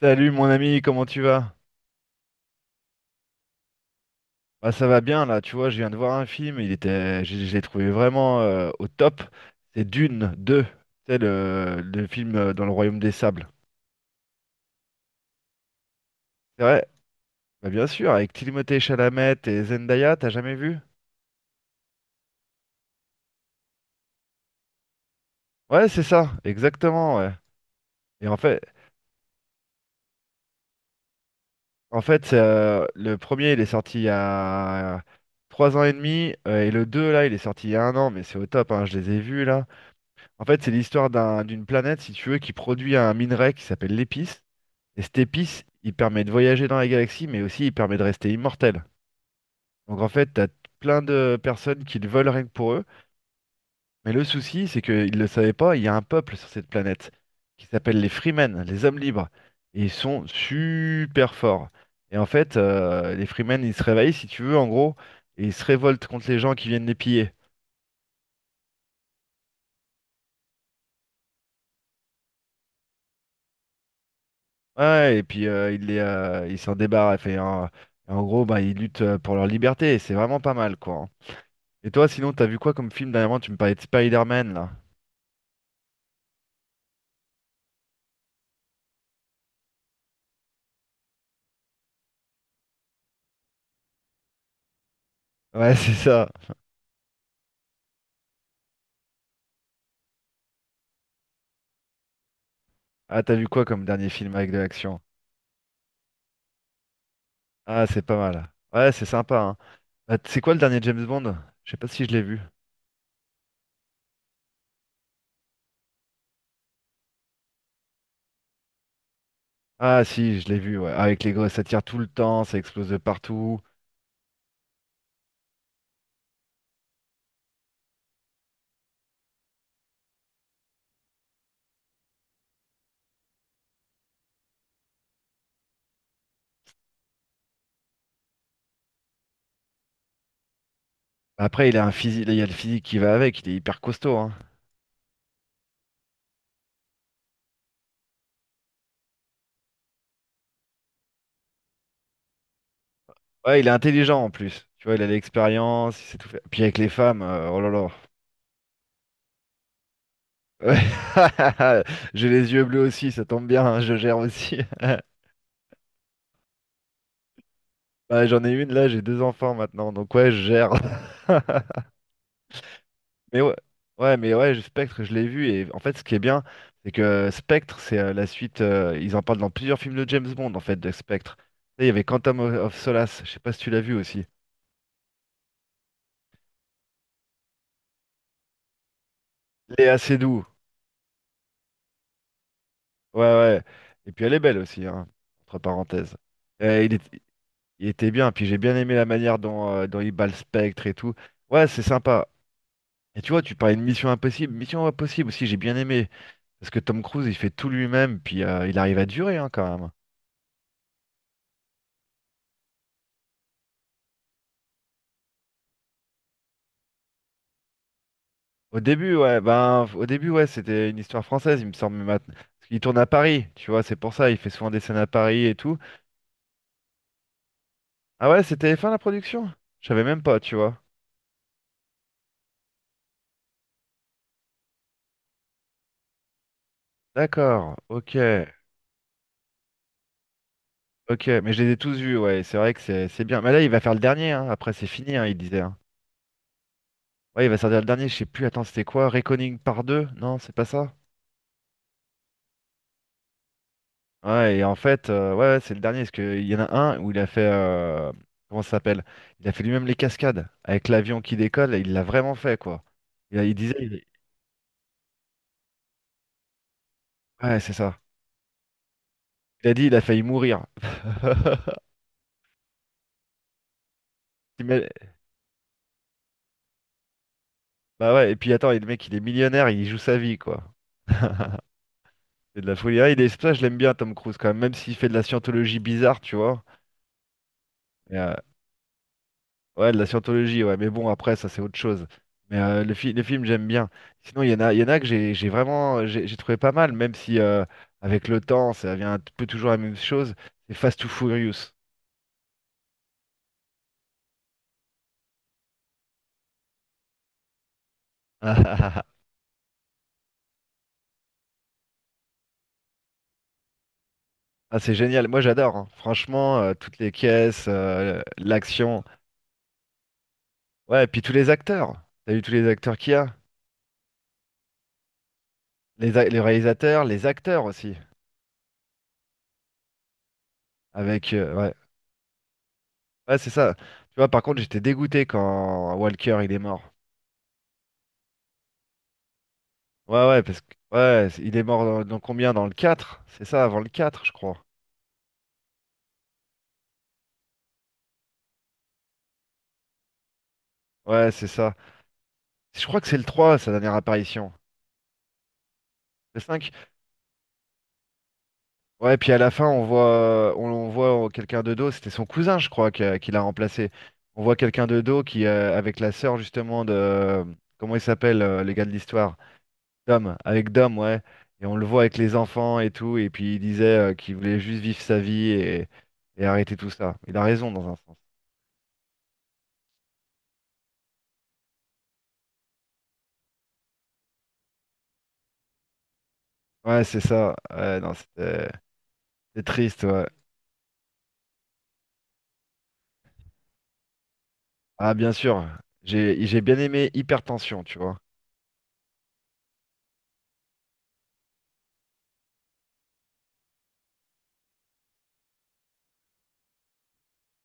Salut mon ami, comment tu vas? Bah ça va bien là, tu vois, je viens de voir un film, il était, je l'ai trouvé vraiment au top. C'est Dune 2, c'est le film dans le Royaume des Sables. C'est vrai? Bah bien sûr, avec Timothée Chalamet et Zendaya, t'as jamais vu? Ouais, c'est ça, exactement, ouais. Et en fait, en fait, c'est, le premier il est sorti il y a 3 ans et demi, et le 2 là, il est sorti il y a un an, mais c'est au top, hein, je les ai vus là. En fait, c'est l'histoire d'une planète, si tu veux, qui produit un minerai qui s'appelle l'épice. Et cette épice, il permet de voyager dans la galaxie, mais aussi il permet de rester immortel. Donc en fait, t'as plein de personnes qui le veulent rien que pour eux. Mais le souci, c'est qu'ils ne le savaient pas, il y a un peuple sur cette planète qui s'appelle les Freemen, les hommes libres. Et ils sont super forts. Et en fait, les Freemen, ils se réveillent, si tu veux, en gros, et ils se révoltent contre les gens qui viennent les piller. Ouais, et puis ils les, ils s'en débarrassent. En gros, bah, ils luttent pour leur liberté. Et c'est vraiment pas mal, quoi, hein. Et toi, sinon, t'as vu quoi comme film dernièrement? Tu me parlais de Spider-Man, là. Ouais, c'est ça. Ah, t'as vu quoi comme dernier film avec de l'action? Ah, c'est pas mal. Ouais, c'est sympa, hein. Bah, c'est quoi le dernier James Bond? Je sais pas si je l'ai vu. Ah, si, je l'ai vu, ouais. Avec les gosses, ça tire tout le temps, ça explose de partout. Après, il a un physique, il y a le physique qui va avec, il est hyper costaud, hein. Ouais, il est intelligent en plus. Tu vois, il a l'expérience, il sait tout faire. Puis avec les femmes, oh là là. Ouais. J'ai les yeux bleus aussi, ça tombe bien, hein, je gère aussi. Bah, j'en ai une là, j'ai deux enfants maintenant, donc ouais, je gère. Mais ouais, ouais, mais ouais, Spectre, je l'ai vu, et en fait, ce qui est bien, c'est que Spectre, c'est la suite, ils en parlent dans plusieurs films de James Bond, en fait, de Spectre. Tu sais, il y avait Quantum of Solace, je sais pas si tu l'as vu aussi. Léa Seydoux, ouais, ouais. Et puis elle est belle aussi, hein, entre parenthèses. Euh, il est- il était bien, puis j'ai bien aimé la manière dont, dont il bat le Spectre et tout. Ouais, c'est sympa. Et tu vois, tu parlais de Mission Impossible. Mission Impossible aussi, j'ai bien aimé. Parce que Tom Cruise, il fait tout lui-même, puis il arrive à durer hein, quand même. Au début, ouais, ben, au début, ouais, c'était une histoire française, il me semble, mais maintenant. Parce qu'il tourne à Paris, tu vois, c'est pour ça, il fait souvent des scènes à Paris et tout. Ah ouais, c'était fin la production? Je savais même pas, tu vois. D'accord, ok, mais je les ai tous vus, ouais, c'est vrai que c'est bien. Mais là, il va faire le dernier, hein, après c'est fini, hein, il disait, hein. Ouais, il va sortir le dernier, je sais plus, attends, c'était quoi? Reckoning par deux? Non, c'est pas ça? Ouais, et en fait, ouais, ouais, c'est le dernier, parce qu'il y en a un où il a fait, comment ça s'appelle? Il a fait lui-même les cascades, avec l'avion qui décolle, et il l'a vraiment fait, quoi. Il, a- il disait, il- ouais, c'est ça. Il a dit, il a failli mourir. Il met- Bah ouais, et puis attends, et le mec, il est millionnaire, il joue sa vie, quoi. C'est de la folie. Ah, il est... c'est pour ça que je l'aime bien, Tom Cruise, quand même, même s'il fait de la scientologie bizarre, tu vois. Ouais, de la scientologie, ouais, mais bon, après, ça, c'est autre chose. Mais le film, j'aime bien. Sinon, il y en a que j'ai vraiment j'ai trouvé pas mal, même si avec le temps, ça devient un peu toujours la même chose. C'est Fast to Furious. Ah, ah, ah, ah. Ah, c'est génial. Moi, j'adore, hein. Franchement, toutes les caisses, l'action. Ouais, et puis tous les acteurs. T'as vu tous les acteurs qu'il y a? Les réalisateurs, les acteurs aussi. Avec, ouais, ouais, c'est ça. Tu vois, par contre, j'étais dégoûté quand Walker, il est mort. Ouais, ouais, parce que ouais, il est mort dans, dans combien? Dans le quatre. C'est ça, avant le 4 je crois. Ouais, c'est ça. Je crois que c'est le 3 sa dernière apparition. Le cinq. Ouais, puis à la fin, on voit, on voit oh, quelqu'un de dos, c'était son cousin, je crois, qui l'a remplacé. On voit quelqu'un de dos qui, avec la sœur, justement, de. Comment il s'appelle, le gars de l'histoire? Dom, avec Dom, ouais. Et on le voit avec les enfants et tout, et puis il disait qu'il voulait juste vivre sa vie et arrêter tout ça. Il a raison dans un sens. Ouais, c'est ça. Ouais, non, c'était. C'est triste, ouais. Ah, bien sûr. J'ai bien aimé Hypertension, tu vois.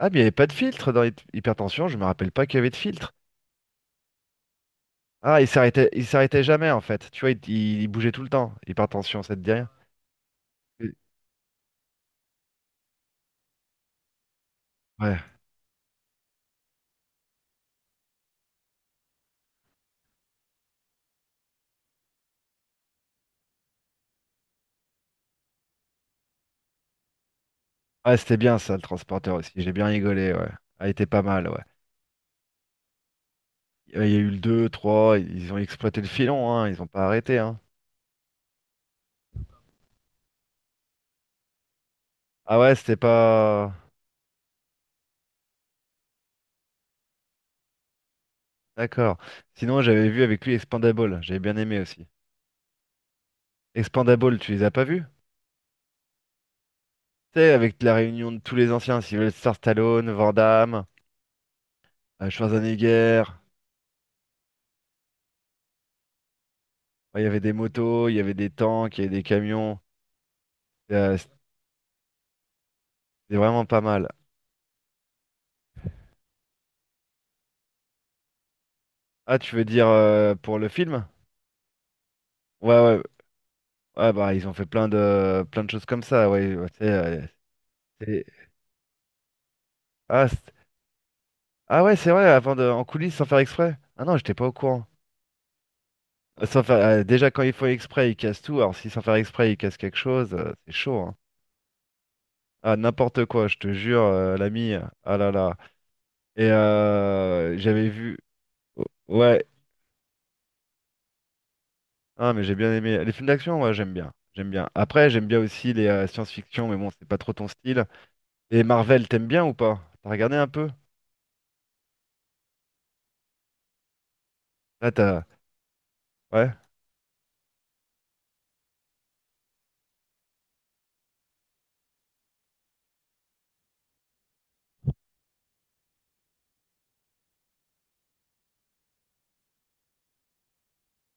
Ah, mais il n'y avait pas de filtre dans Hypertension, je me rappelle pas qu'il y avait de filtre. Ah, il s'arrêtait jamais, en fait. Tu vois, il bougeait tout le temps. Hypertension, ça te dit rien? Oui. Ouais. Ah, c'était bien, ça, le transporteur aussi. J'ai bien rigolé, ouais. Ah, il était pas mal, ouais. Il y a eu le 2 3, ils ont exploité le filon, hein. Ils ont pas arrêté, hein. Ah ouais, c'était pas... D'accord. Sinon, j'avais vu avec lui Expandable. J'avais bien aimé aussi. Expandable, tu les as pas vus? Tu sais, avec la réunion de tous les anciens, Sylvester Stallone, Van Damme, Schwarzenegger, ouais, il y avait des motos, il y avait des tanks, il y avait des camions. C'était vraiment pas mal. Ah, tu veux dire pour le film? Ouais, ouais. Ah bah ils ont fait plein de choses comme ça, ouais, ouais, tu sais, c'est- ah, ah ouais, c'est vrai, avant de en coulisses sans faire exprès. Ah non, j'étais pas au courant. Sans faire... déjà quand ils font exprès, ils cassent tout. Alors si sans faire exprès, ils cassent quelque chose, c'est chaud, hein. Ah n'importe quoi, je te jure, l'ami. Ah là là. Et j'avais vu. Oh, ouais, ah, mais j'ai bien aimé. Les films d'action, moi, j'aime bien. J'aime bien. Après, j'aime bien aussi les science-fiction, mais bon, c'est pas trop ton style. Et Marvel, t'aimes bien ou pas? T'as regardé un peu? Là, t'as. Ouais.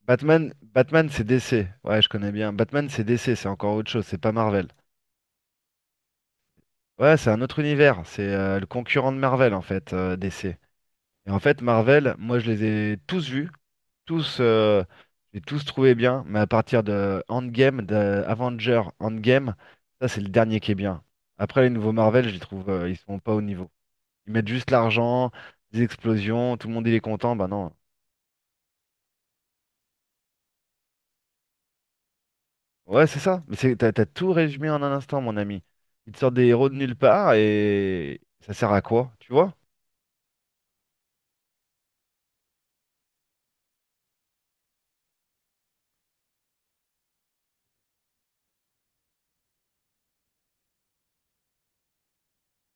Batman, c'est DC. Ouais, je connais bien. Batman, c'est DC, c'est encore autre chose, c'est pas Marvel. Ouais, c'est un autre univers. C'est le concurrent de Marvel, en fait, DC. Et en fait, Marvel, moi, je les ai tous vus. Tous, j'ai tous trouvé bien, mais à partir de Endgame, de Avenger Endgame, ça c'est le dernier qui est bien. Après les nouveaux Marvel, je les trouve, ils sont pas au niveau. Ils mettent juste l'argent, des explosions, tout le monde il est content, bah non. Ouais, c'est ça. Mais c'est, t'as tout résumé en un instant, mon ami. Ils te sortent des héros de nulle part et ça sert à quoi, tu vois?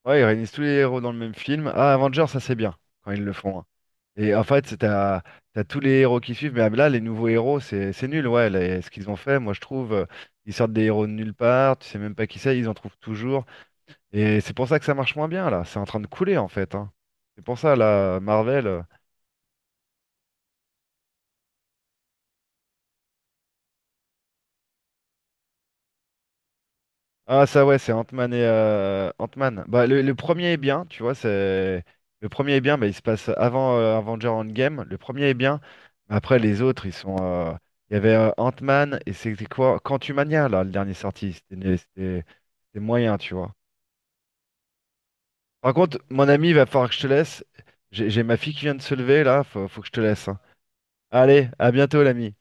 Ouais, ils réunissent tous les héros dans le même film. Ah, Avenger, ça c'est bien quand ils le font, hein. Et en fait, t'as tous les héros qui suivent, mais là, les nouveaux héros, c'est nul, ouais, ce qu'ils ont fait, moi je trouve, ils sortent des héros de nulle part, tu sais même pas qui c'est, ils en trouvent toujours, et c'est pour ça que ça marche moins bien, là, c'est en train de couler, en fait, hein. C'est pour ça, là, Marvel, ah ça ouais, c'est Ant-Man. Bah le premier est bien, tu vois, c'est le premier est bien, bah, il se passe avant Avengers Endgame. Le premier est bien. Mais après les autres, ils sont il y avait Ant-Man et c'était quoi? Quantumania là, le dernier sorti, c'était moyen, tu vois. Par contre, mon ami, il va falloir que je te laisse. J'ai ma fille qui vient de se lever là, faut que je te laisse, hein. Allez, à bientôt l'ami.